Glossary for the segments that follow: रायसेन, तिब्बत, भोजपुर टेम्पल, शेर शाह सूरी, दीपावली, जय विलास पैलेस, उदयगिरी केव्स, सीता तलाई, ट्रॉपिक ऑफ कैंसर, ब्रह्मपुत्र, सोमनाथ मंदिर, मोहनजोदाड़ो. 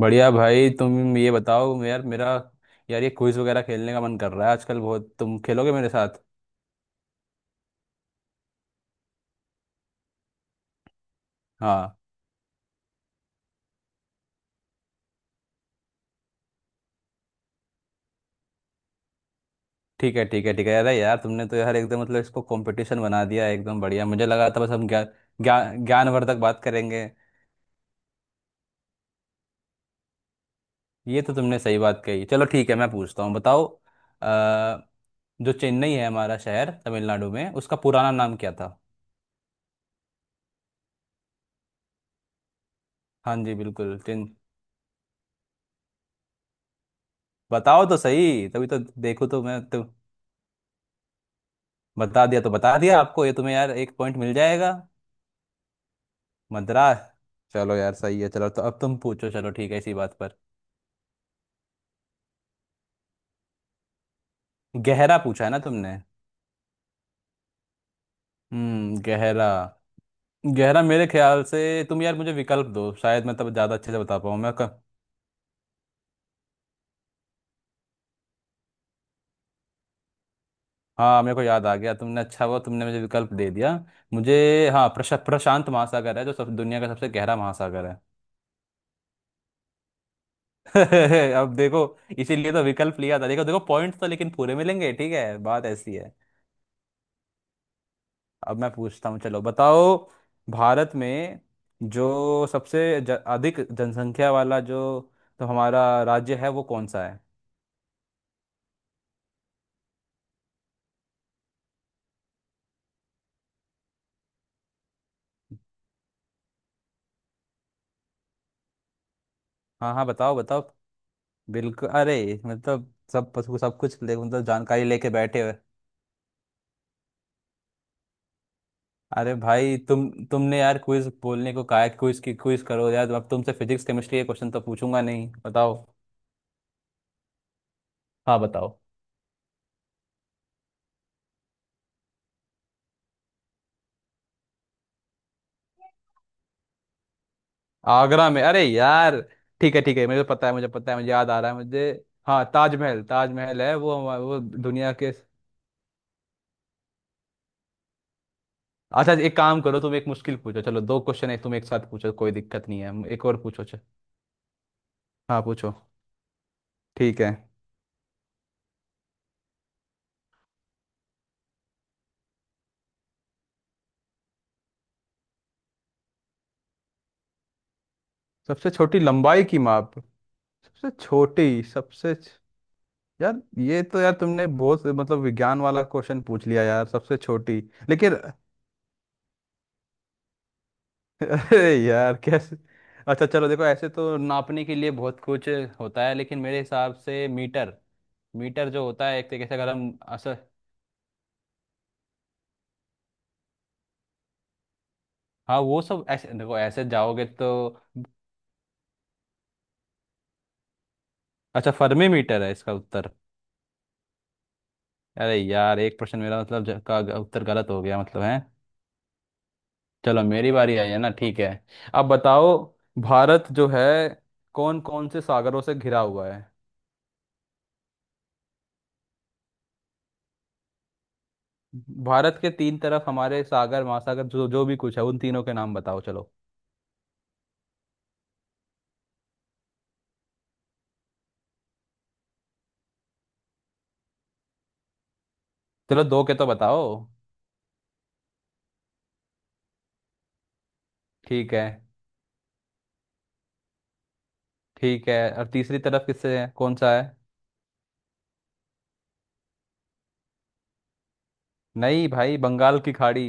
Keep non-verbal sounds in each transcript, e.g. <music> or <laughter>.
बढ़िया भाई। तुम ये बताओ यार मेरा यार, ये क्विज वगैरह खेलने का मन कर रहा है आजकल बहुत। तुम खेलोगे मेरे साथ? हाँ। ठीक है, ठीक है, ठीक है। अरे यार, तुमने तो यार एकदम, मतलब, इसको कंपटीशन बना दिया है, एकदम बढ़िया। मुझे लगा था बस हम ज्ञान ज्ञान ज्ञानवर्धक बात करेंगे। ये तो तुमने सही बात कही। चलो ठीक है, मैं पूछता हूँ, बताओ। अ, जो चेन्नई है हमारा शहर तमिलनाडु में, उसका पुराना नाम क्या था? हाँ जी, बिल्कुल। चिन। बताओ तो सही, तभी तो। देखो तो, मैं तो। बता दिया तो बता दिया, आपको, ये तुम्हें यार, एक पॉइंट मिल जाएगा। मद्रास। चलो यार, सही है। चलो, तो अब तुम पूछो। चलो ठीक है, इसी बात पर। गहरा पूछा है ना तुमने? गहरा। गहरा, मेरे ख्याल से, तुम यार मुझे विकल्प दो, शायद मैं तब ज़्यादा अच्छे से बता पाऊँ। मैं क... हाँ, मेरे को याद आ गया, तुमने, अच्छा हुआ तुमने मुझे विकल्प दे दिया। मुझे, हाँ, प्रशांत महासागर है जो, सब, दुनिया का सबसे गहरा महासागर है। <laughs> अब देखो, इसीलिए तो विकल्प लिया था। देखो देखो, पॉइंट्स तो लेकिन पूरे मिलेंगे, ठीक है, बात ऐसी है। अब मैं पूछता हूँ, चलो बताओ। भारत में जो सबसे अधिक जनसंख्या वाला जो, तो हमारा राज्य है, वो कौन सा है? हाँ हाँ, बताओ बताओ। बिल्कुल। अरे, मतलब, सब सब कुछ ले, मतलब, जानकारी लेके बैठे हो। अरे भाई, तुमने यार क्विज बोलने को कहा है, क्विज की, क्विज करो यार। अब तुमसे फिजिक्स केमिस्ट्री के क्वेश्चन तो पूछूंगा नहीं। बताओ। हाँ, बताओ। आगरा में? अरे यार, ठीक है ठीक है, मुझे पता है मुझे पता है, मुझे याद आ रहा है। मुझे, हाँ, ताजमहल, ताजमहल है वो। हमा-, वो दुनिया के। अच्छा, एक काम करो तुम, एक मुश्किल पूछो। चलो, दो क्वेश्चन, एक तुम एक साथ पूछो, कोई दिक्कत नहीं है, एक और पूछो, चल। हाँ, पूछो। ठीक है। सबसे छोटी लंबाई की माप। सबसे छोटी, यार ये तो यार, तुमने बहुत, मतलब, विज्ञान वाला क्वेश्चन पूछ लिया यार। सबसे छोटी, लेकिन। <laughs> अरे यार, कैसे। अच्छा चलो, देखो, ऐसे तो नापने के लिए बहुत कुछ होता है, लेकिन मेरे हिसाब से मीटर, मीटर जो होता है, एक तरीके से, अगर हम असर। हाँ, वो सब ऐसे देखो, ऐसे जाओगे तो। अच्छा, फर्मी मीटर है इसका उत्तर। अरे यार, एक प्रश्न मेरा, मतलब, का उत्तर गलत हो गया, मतलब है। चलो, मेरी बारी आई है ना, ठीक है। अब बताओ, भारत जो है, कौन कौन से सागरों से घिरा हुआ है? भारत के तीन तरफ हमारे सागर, महासागर, जो जो भी कुछ है, उन तीनों के नाम बताओ, चलो। चलो, दो के तो बताओ। ठीक है, ठीक है। और तीसरी तरफ किससे है, कौन सा है? नहीं भाई, बंगाल की खाड़ी।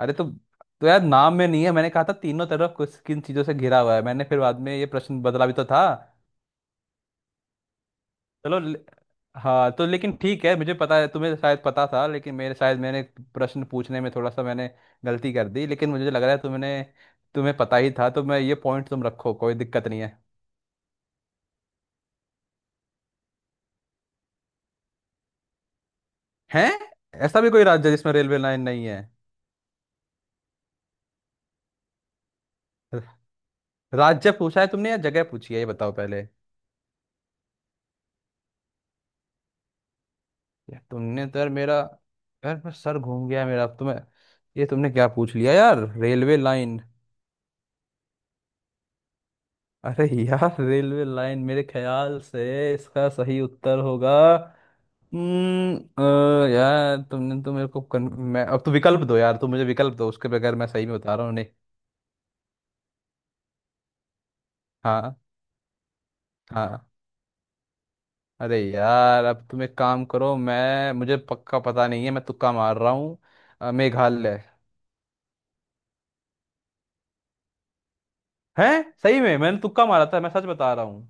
अरे तो यार, नाम में नहीं है, मैंने कहा था तीनों तरफ कुछ, किन चीजों से घिरा हुआ है, मैंने फिर बाद में ये प्रश्न बदला भी तो था। चलो। हाँ तो, लेकिन ठीक है, मुझे पता है तुम्हें शायद पता था, लेकिन मेरे, शायद मैंने प्रश्न पूछने में थोड़ा सा, मैंने गलती कर दी, लेकिन मुझे लग रहा है तुमने, तुम्हें पता ही था, तो मैं ये पॉइंट तुम रखो, कोई दिक्कत नहीं है। हैं? ऐसा भी कोई राज्य जिसमें रेलवे लाइन नहीं है? र- राज्य पूछा है तुमने या जगह पूछी है, ये बताओ पहले। यार तुमने तो यार मेरा, यार मैं सर घूम गया मेरा, तुम्हें, ये तुमने क्या पूछ लिया यार, रेलवे लाइन। अरे यार, रेलवे लाइन, मेरे ख्याल से इसका सही उत्तर होगा, हम्म यार तुमने तो मेरे को कन... मैं अब तो, विकल्प दो यार, तुम मुझे विकल्प दो, उसके बगैर मैं सही में बता रहा हूँ, नहीं। हाँ। हाँ, अरे यार, अब तुम एक काम करो, मैं, मुझे पक्का पता नहीं है, मैं तुक्का मार रहा हूँ। मेघालय। है। सही में मैंने तुक्का मारा था, मैं सच बता रहा हूँ।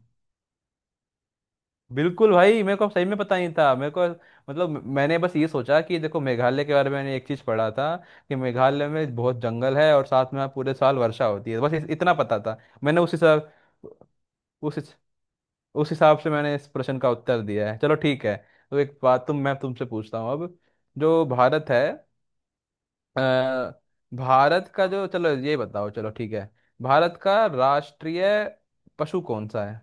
बिल्कुल भाई, मेरे को सही में पता नहीं था मेरे को, मतलब, मैंने बस ये सोचा कि देखो, मेघालय के बारे में मैंने एक चीज़ पढ़ा था कि मेघालय में बहुत जंगल है, और साथ में वहाँ पूरे साल वर्षा होती है, बस इतना पता था। मैंने उसी हिसाब, उस उस हिसाब से मैंने इस प्रश्न का उत्तर दिया है, चलो ठीक है। तो एक बात, तुम, मैं तुमसे पूछता हूँ अब। जो भारत है, अ, भारत का जो, चलो ये बताओ, चलो ठीक है, भारत का राष्ट्रीय पशु कौन सा है?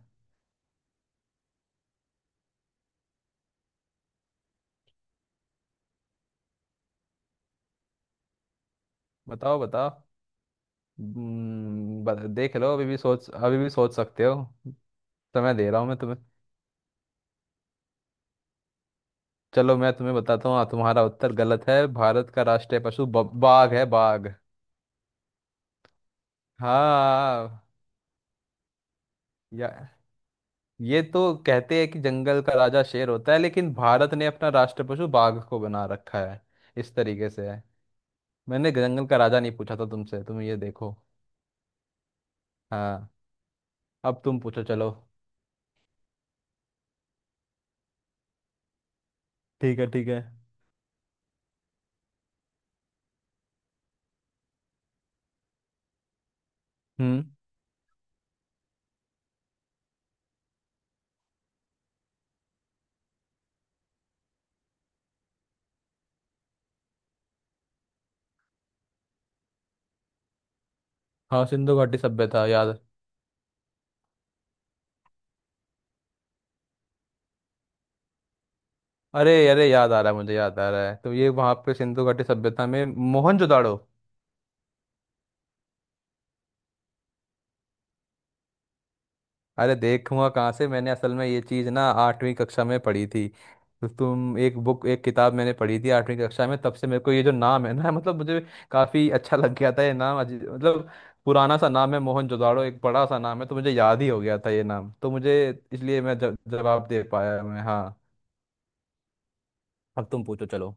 बताओ बताओ। देख लो, अभी भी सोच, अभी भी सोच सकते हो। समय दे रहा हूँ मैं तुम्हें। चलो, मैं तुम्हें बताता हूँ, तुम्हारा उत्तर गलत है। भारत का राष्ट्रीय पशु बाघ है, बाघ। हाँ। या, ये तो कहते हैं कि जंगल का राजा शेर होता है, लेकिन भारत ने अपना राष्ट्र पशु बाघ को बना रखा है, इस तरीके से है। मैंने जंगल का राजा नहीं पूछा था तुमसे, तुम ये देखो। हाँ। अब तुम पूछो, चलो। ठीक है, ठीक है। हम्म। हाँ, सिंधु घाटी सभ्यता, याद। अरे अरे, याद आ रहा है मुझे, याद आ रहा है, तो ये, वहां पे सिंधु घाटी सभ्यता में मोहनजोदाड़ो। अरे, देखूंगा कहाँ से, मैंने असल में ये चीज़ ना आठवीं कक्षा में पढ़ी थी, तो तुम, एक बुक, एक किताब मैंने पढ़ी थी आठवीं कक्षा में, तब से मेरे को ये जो नाम है ना, <laughs> मतलब मुझे काफ़ी अच्छा लग गया था ये नाम, मतलब, पुराना सा नाम है मोहनजोदाड़ो, एक बड़ा सा नाम है, तो मुझे याद ही हो गया था ये नाम, तो मुझे इसलिए मैं जवाब दे पाया मैं, हाँ। अब तुम पूछो, चलो।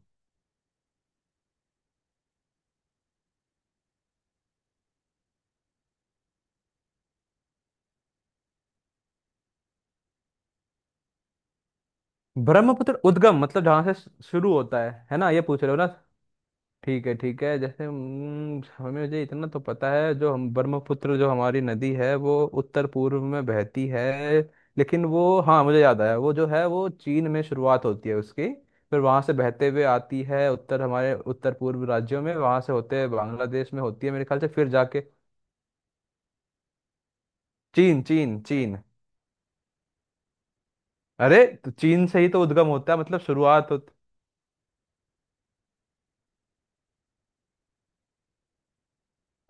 ब्रह्मपुत्र, उद्गम मतलब जहाँ से शुरू होता है ना, ये पूछ रहे हो ना? ठीक है, ठीक है। जैसे, हमें, मुझे इतना तो पता है, जो हम ब्रह्मपुत्र, जो हमारी नदी है, वो उत्तर पूर्व में बहती है, लेकिन वो, हाँ मुझे याद आया, वो जो है वो चीन में शुरुआत होती है उसकी, फिर वहां से बहते हुए आती है उत्तर, हमारे उत्तर पूर्व राज्यों में, वहां से होते हुए बांग्लादेश में होती है मेरे ख्याल से, फिर जाके। चीन, चीन, चीन। अरे तो चीन से ही तो उद्गम होता है, मतलब शुरुआत होती।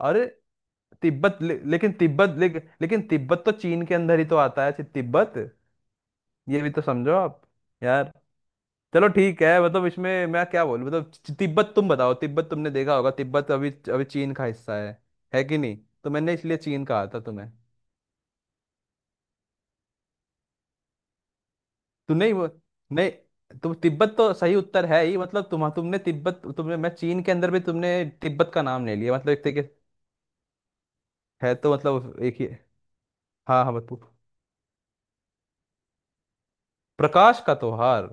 अरे तिब्बत लेकिन तिब्बत लेकिन तिब्बत तो चीन के अंदर ही तो आता है, तिब्बत। ये भी तो समझो आप। यार, चलो ठीक है, मतलब इसमें मैं क्या बोलूं, मतलब तिब्बत, तुम बताओ, तिब्बत तुमने देखा होगा, तिब्बत अभी अभी चीन का हिस्सा है कि नहीं। तो मैंने इसलिए चीन कहा था तुम्हें। तू नहीं वो, नहीं तुम तिब्बत तो सही उत्तर है ही, मतलब तुमने तिब्बत, तुमने, मैं, चीन के अंदर भी तुमने तिब्बत का नाम ले लिया, मतलब एक तरीके से है, तो मतलब एक ही। हाँ हाँ, बतू। प्रकाश का त्योहार।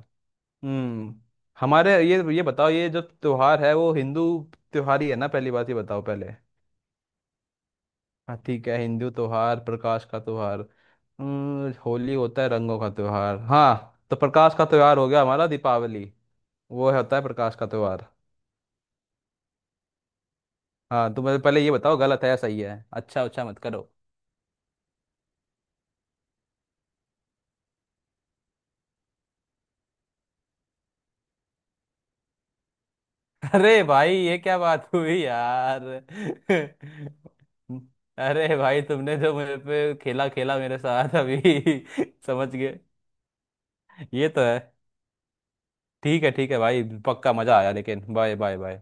हम्म हमारे, ये बताओ, ये जो त्योहार है वो हिंदू त्योहार ही है ना, पहली बात ये बताओ पहले। हाँ, ठीक है, हिंदू त्योहार, प्रकाश का त्योहार, होली होता है रंगों का त्योहार, हाँ, तो प्रकाश का त्योहार हो गया हमारा दीपावली, वो होता है प्रकाश का त्योहार। हाँ, तुम मुझे पहले ये बताओ, गलत है या सही है, अच्छा अच्छा मत करो। <laughs> अरे भाई, ये क्या बात हुई यार! <laughs> अरे भाई, तुमने जो मेरे पे खेला खेला मेरे साथ अभी। <laughs> समझ गए। ये तो है। ठीक है, ठीक है भाई, पक्का मजा आया लेकिन। Bye, bye, bye.